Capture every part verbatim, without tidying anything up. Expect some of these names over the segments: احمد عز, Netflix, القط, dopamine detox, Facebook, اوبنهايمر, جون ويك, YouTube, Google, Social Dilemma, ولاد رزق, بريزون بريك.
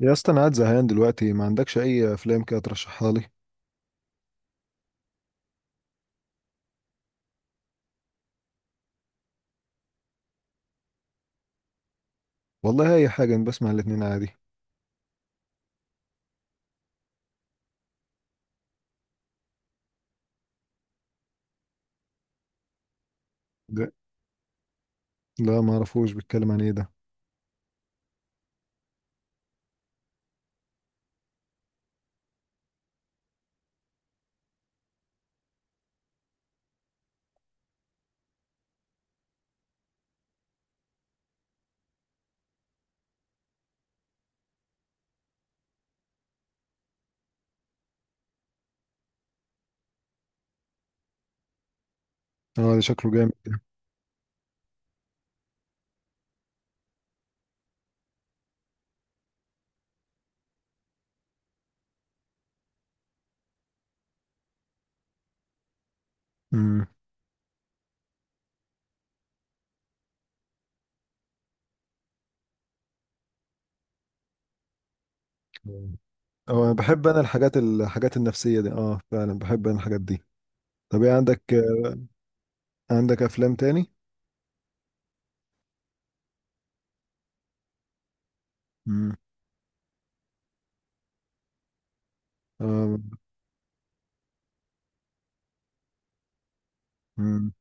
يا اسطى، انا قاعد زهقان دلوقتي، ما عندكش اي افلام كده ترشحها لي؟ والله اي حاجه، انا بسمع الاتنين عادي. ده، لا ما اعرفوش، بيتكلم عن ايه ده؟ اه، ده شكله جامد ده. امم. اه، انا بحب انا الحاجات الحاجات النفسيه دي، اه فعلا بحب انا الحاجات دي. طب ايه عندك عندك افلام تاني؟ امم. اه. امم.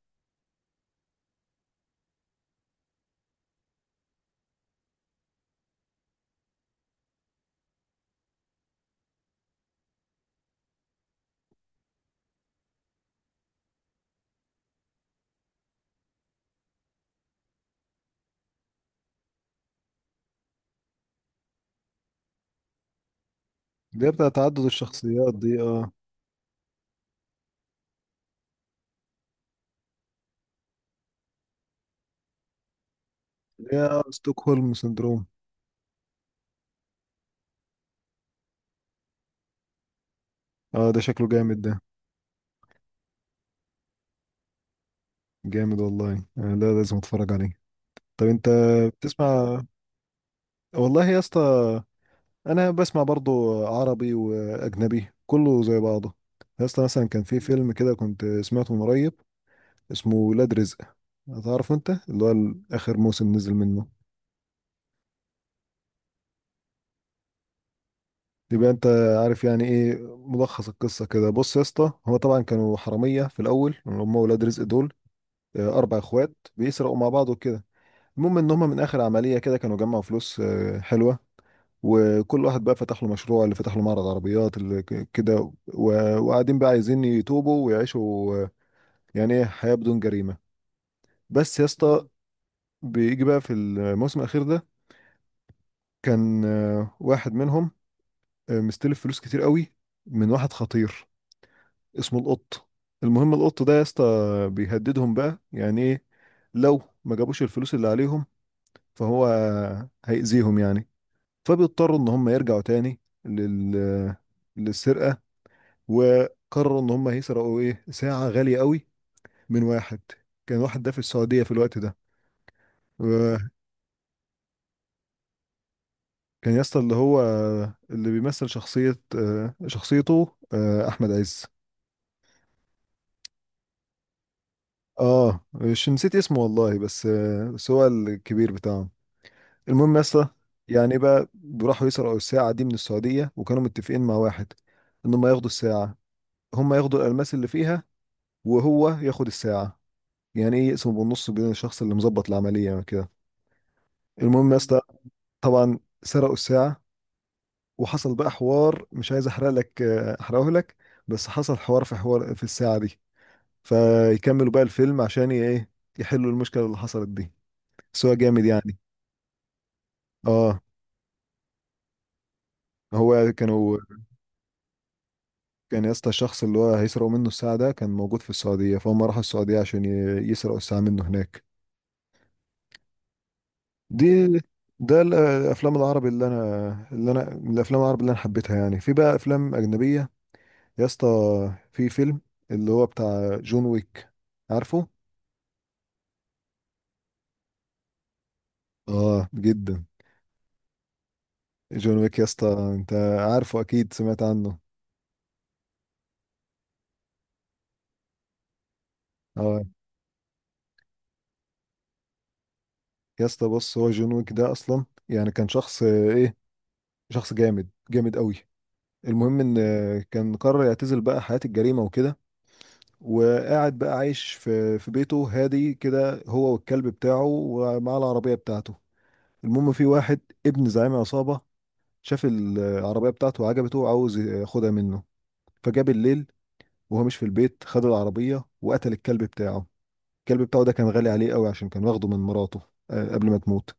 دي بتاع تعدد الشخصيات دي، اه. يا ستوكهولم سندروم. اه، ده شكله جامد ده. جامد والله، آه، لا لازم اتفرج عليه. طب انت بتسمع؟ والله يا اسطى، انا بسمع برضو عربي واجنبي كله زي بعضه. اصلا مثلا كان في فيلم كده كنت سمعته من قريب، اسمه ولاد رزق. هتعرف انت اللي هو ال- اخر موسم نزل منه؟ يبقى انت عارف يعني ايه ملخص القصه كده. بص يا اسطى، هو طبعا كانوا حراميه في الاول، اللي هم ولاد رزق دول. آه، اربع اخوات بيسرقوا مع بعض وكده. المهم ان هم من اخر عمليه كده كانوا جمعوا فلوس آه، حلوه. وكل واحد بقى فتح له مشروع، اللي فتح له معرض عربيات اللي ك- كده و- وقاعدين بقى عايزين يتوبوا ويعيشوا، آه، يعني ايه، حياة بدون جريمة. بس يا اسطى، بيجي بقى في الموسم الأخير ده، كان آه، واحد منهم آه، مستلف فلوس كتير قوي من واحد خطير اسمه القط. المهم القط ده يا اسطى بيهددهم بقى، يعني ايه، لو ما جابوش الفلوس اللي عليهم فهو هيأذيهم يعني. فبيضطروا ان هم يرجعوا تاني لل للسرقة. وقرروا ان هم هيسرقوا ايه، ساعة غالية قوي من واحد، كان واحد ده في السعودية في الوقت ده. وكان يا اسطى اللي هو اللي بيمثل شخصية آه، شخصيته آه، احمد عز. اه، مش نسيت اسمه والله، بس آه، بس هو الكبير بتاعهم. المهم يا اسطى، يعني بقى راحوا يسرقوا الساعة دي من السعودية، وكانوا متفقين مع واحد ان هم ياخدوا الساعة، هم ياخدوا الألماس اللي فيها وهو ياخد الساعة. يعني ايه، يقسموا بالنص بين الشخص اللي مظبط العملية، يعني كده. المهم يا اسطى، طبعا سرقوا الساعة، وحصل بقى حوار، مش عايز احرق لك، احرقه لك. بس حصل حوار، في حوار في الساعة دي. فيكملوا بقى الفيلم عشان ي- ايه، يحلوا المشكلة اللي حصلت دي. بس هو جامد يعني. اه، هو كانوا كان يا اسطى الشخص اللي هو هيسرقوا منه الساعة ده كان موجود في السعودية، فهم راحوا السعودية عشان ي- يسرقوا الساعة منه هناك. دي. ده ال- الافلام العربي اللي انا اللي انا من الافلام العربي اللي انا حبيتها يعني. في بقى افلام اجنبية يا اسطى، في فيلم اللي هو بتاع جون ويك، عارفه؟ اه جدا. جون ويك يا اسطى، انت عارفه اكيد، سمعت عنه. اه، يا اسطى بص، هو جون ويك ده اصلا يعني كان شخص آه، ايه شخص جامد جامد قوي. المهم ان آه، كان قرر يعتزل بقى حياة الجريمة وكده، وقاعد بقى عايش في في بيته هادي كده، هو والكلب بتاعه ومعاه العربية بتاعته. المهم في واحد ابن زعيم عصابة شاف العربية بتاعته وعجبته وعاوز ياخدها منه، فجاب الليل وهو مش في البيت، خد العربية وقتل الكلب بتاعه. الكلب بتاعه ده كان غالي عليه قوي عشان كان واخده من مراته آه، قبل ما تموت.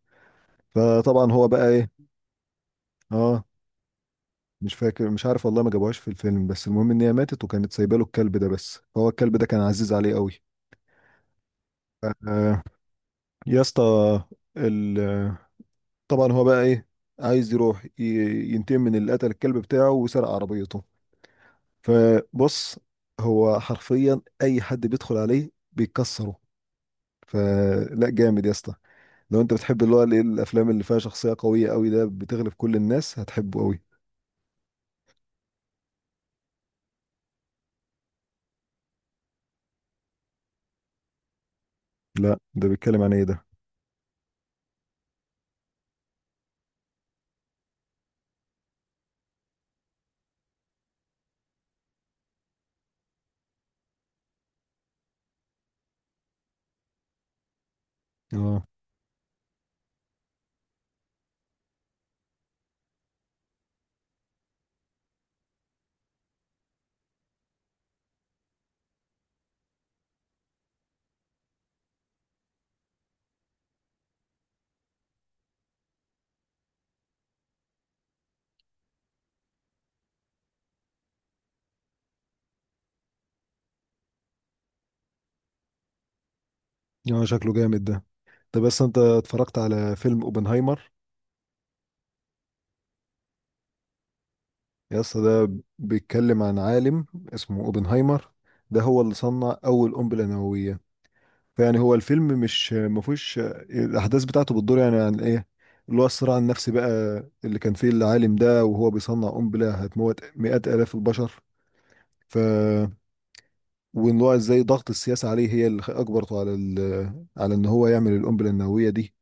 فطبعا هو بقى ايه. اه، مش فاكر، مش عارف والله، ما جابوهاش في الفيلم، بس المهم ان هي ماتت وكانت سايبه له الكلب ده بس، فهو الكلب ده كان عزيز عليه قوي. آه، يا اسطى، ال- طبعا هو بقى ايه، عايز يروح ي- ينتقم من اللي قتل الكلب بتاعه وسرق عربيته. فبص، هو حرفيا اي حد بيدخل عليه بيكسره. فلا جامد يا اسطى، لو انت بتحب اللي هو الايه الافلام اللي فيها شخصيه قويه قوي ده بتغلب كل الناس هتحبه قوي. لا ده بيتكلم عن ايه ده؟ اه، اه، شكله جامد ده. طب بس انت اتفرجت على فيلم اوبنهايمر؟ يا اسطى ده بيتكلم عن عالم اسمه اوبنهايمر، ده هو اللي صنع اول قنبله نوويه. فيعني هو الفيلم مش ما فيهوش، الاحداث بتاعته بتدور يعني عن ايه، اللي هو الصراع النفسي بقى اللي كان فيه العالم ده وهو بيصنع قنبله هتموت مئات الاف البشر. ف وان هو ازاي ضغط السياسه عليه هي اللي اجبرته على ال- على ان هو يعمل القنبله النوويه دي،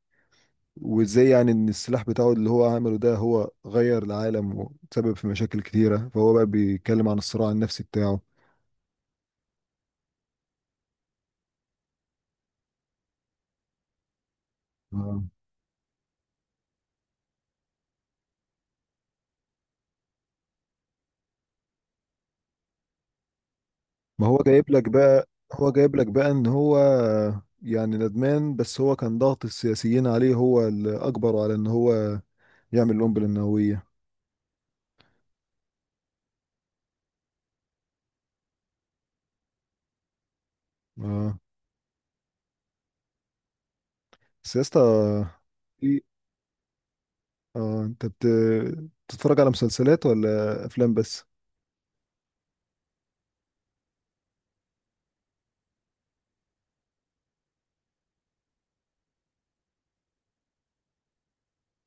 وازاي يعني ان السلاح بتاعه اللي هو عمله ده هو غير العالم وسبب في مشاكل كتيره، فهو بقى بيتكلم عن الصراع النفسي بتاعه. آه. ما هو جايب لك بقى، هو جايب لك بقى ان هو يعني ندمان، بس هو كان ضغط السياسيين عليه هو اللي اجبره على ان هو يعمل القنبله النوويه. اه، بس يا اسطى، في- اه انت بت... بتتفرج على مسلسلات ولا افلام بس؟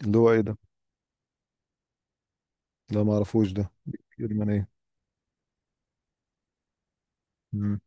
اللي هو ايه ده؟ لا ما اعرفوش، ده بيتكلم عن ايه؟ مم.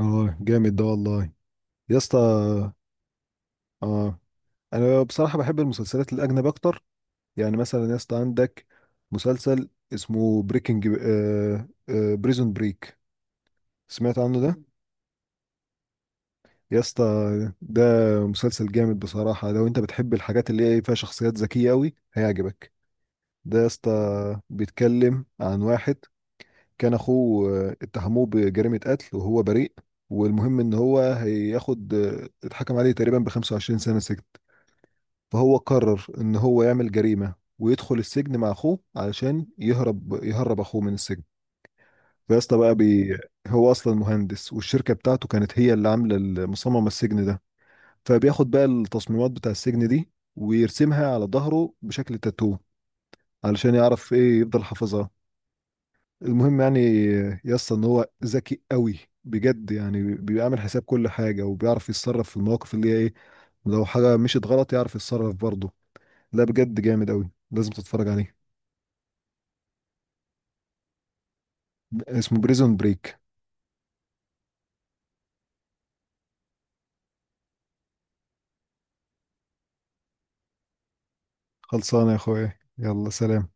اه جامد ده والله. يا اسطى، اه انا بصراحه بحب المسلسلات الاجنب اكتر. يعني مثلا يا اسطى عندك مسلسل اسمه بريكنج آه آه بريزون بريك، سمعت عنه ده؟ يا اسطى، ده مسلسل جامد بصراحه، لو انت بتحب الحاجات اللي هي فيها شخصيات ذكيه قوي هيعجبك. ده يا اسطى بيتكلم عن واحد كان اخوه آه، اتهموه بجريمة قتل وهو بريء. والمهم ان هو هياخد آه، اتحكم عليه تقريبا ب خمسة وعشرين سنة سجن، فهو قرر ان هو يعمل جريمة ويدخل السجن مع اخوه علشان يهرب يهرب اخوه من السجن. فيا اسطى بقى بي هو اصلا مهندس والشركة بتاعته كانت هي اللي عاملة ال- مصممة السجن ده، فبياخد بقى التصميمات بتاع السجن دي ويرسمها على ظهره بشكل تاتو، علشان يعرف ايه، يفضل حافظها. المهم يعني يا اسطى ان هو ذكي قوي، بجد، يعني بيعمل حساب كل حاجه وبيعرف يتصرف في المواقف اللي هي ايه، لو حاجه مشيت غلط يعرف يتصرف برضه. لا بجد جامد قوي، لازم تتفرج عليه. اسمه بريزون بريك. خلصانه يا اخويا، يلا سلام.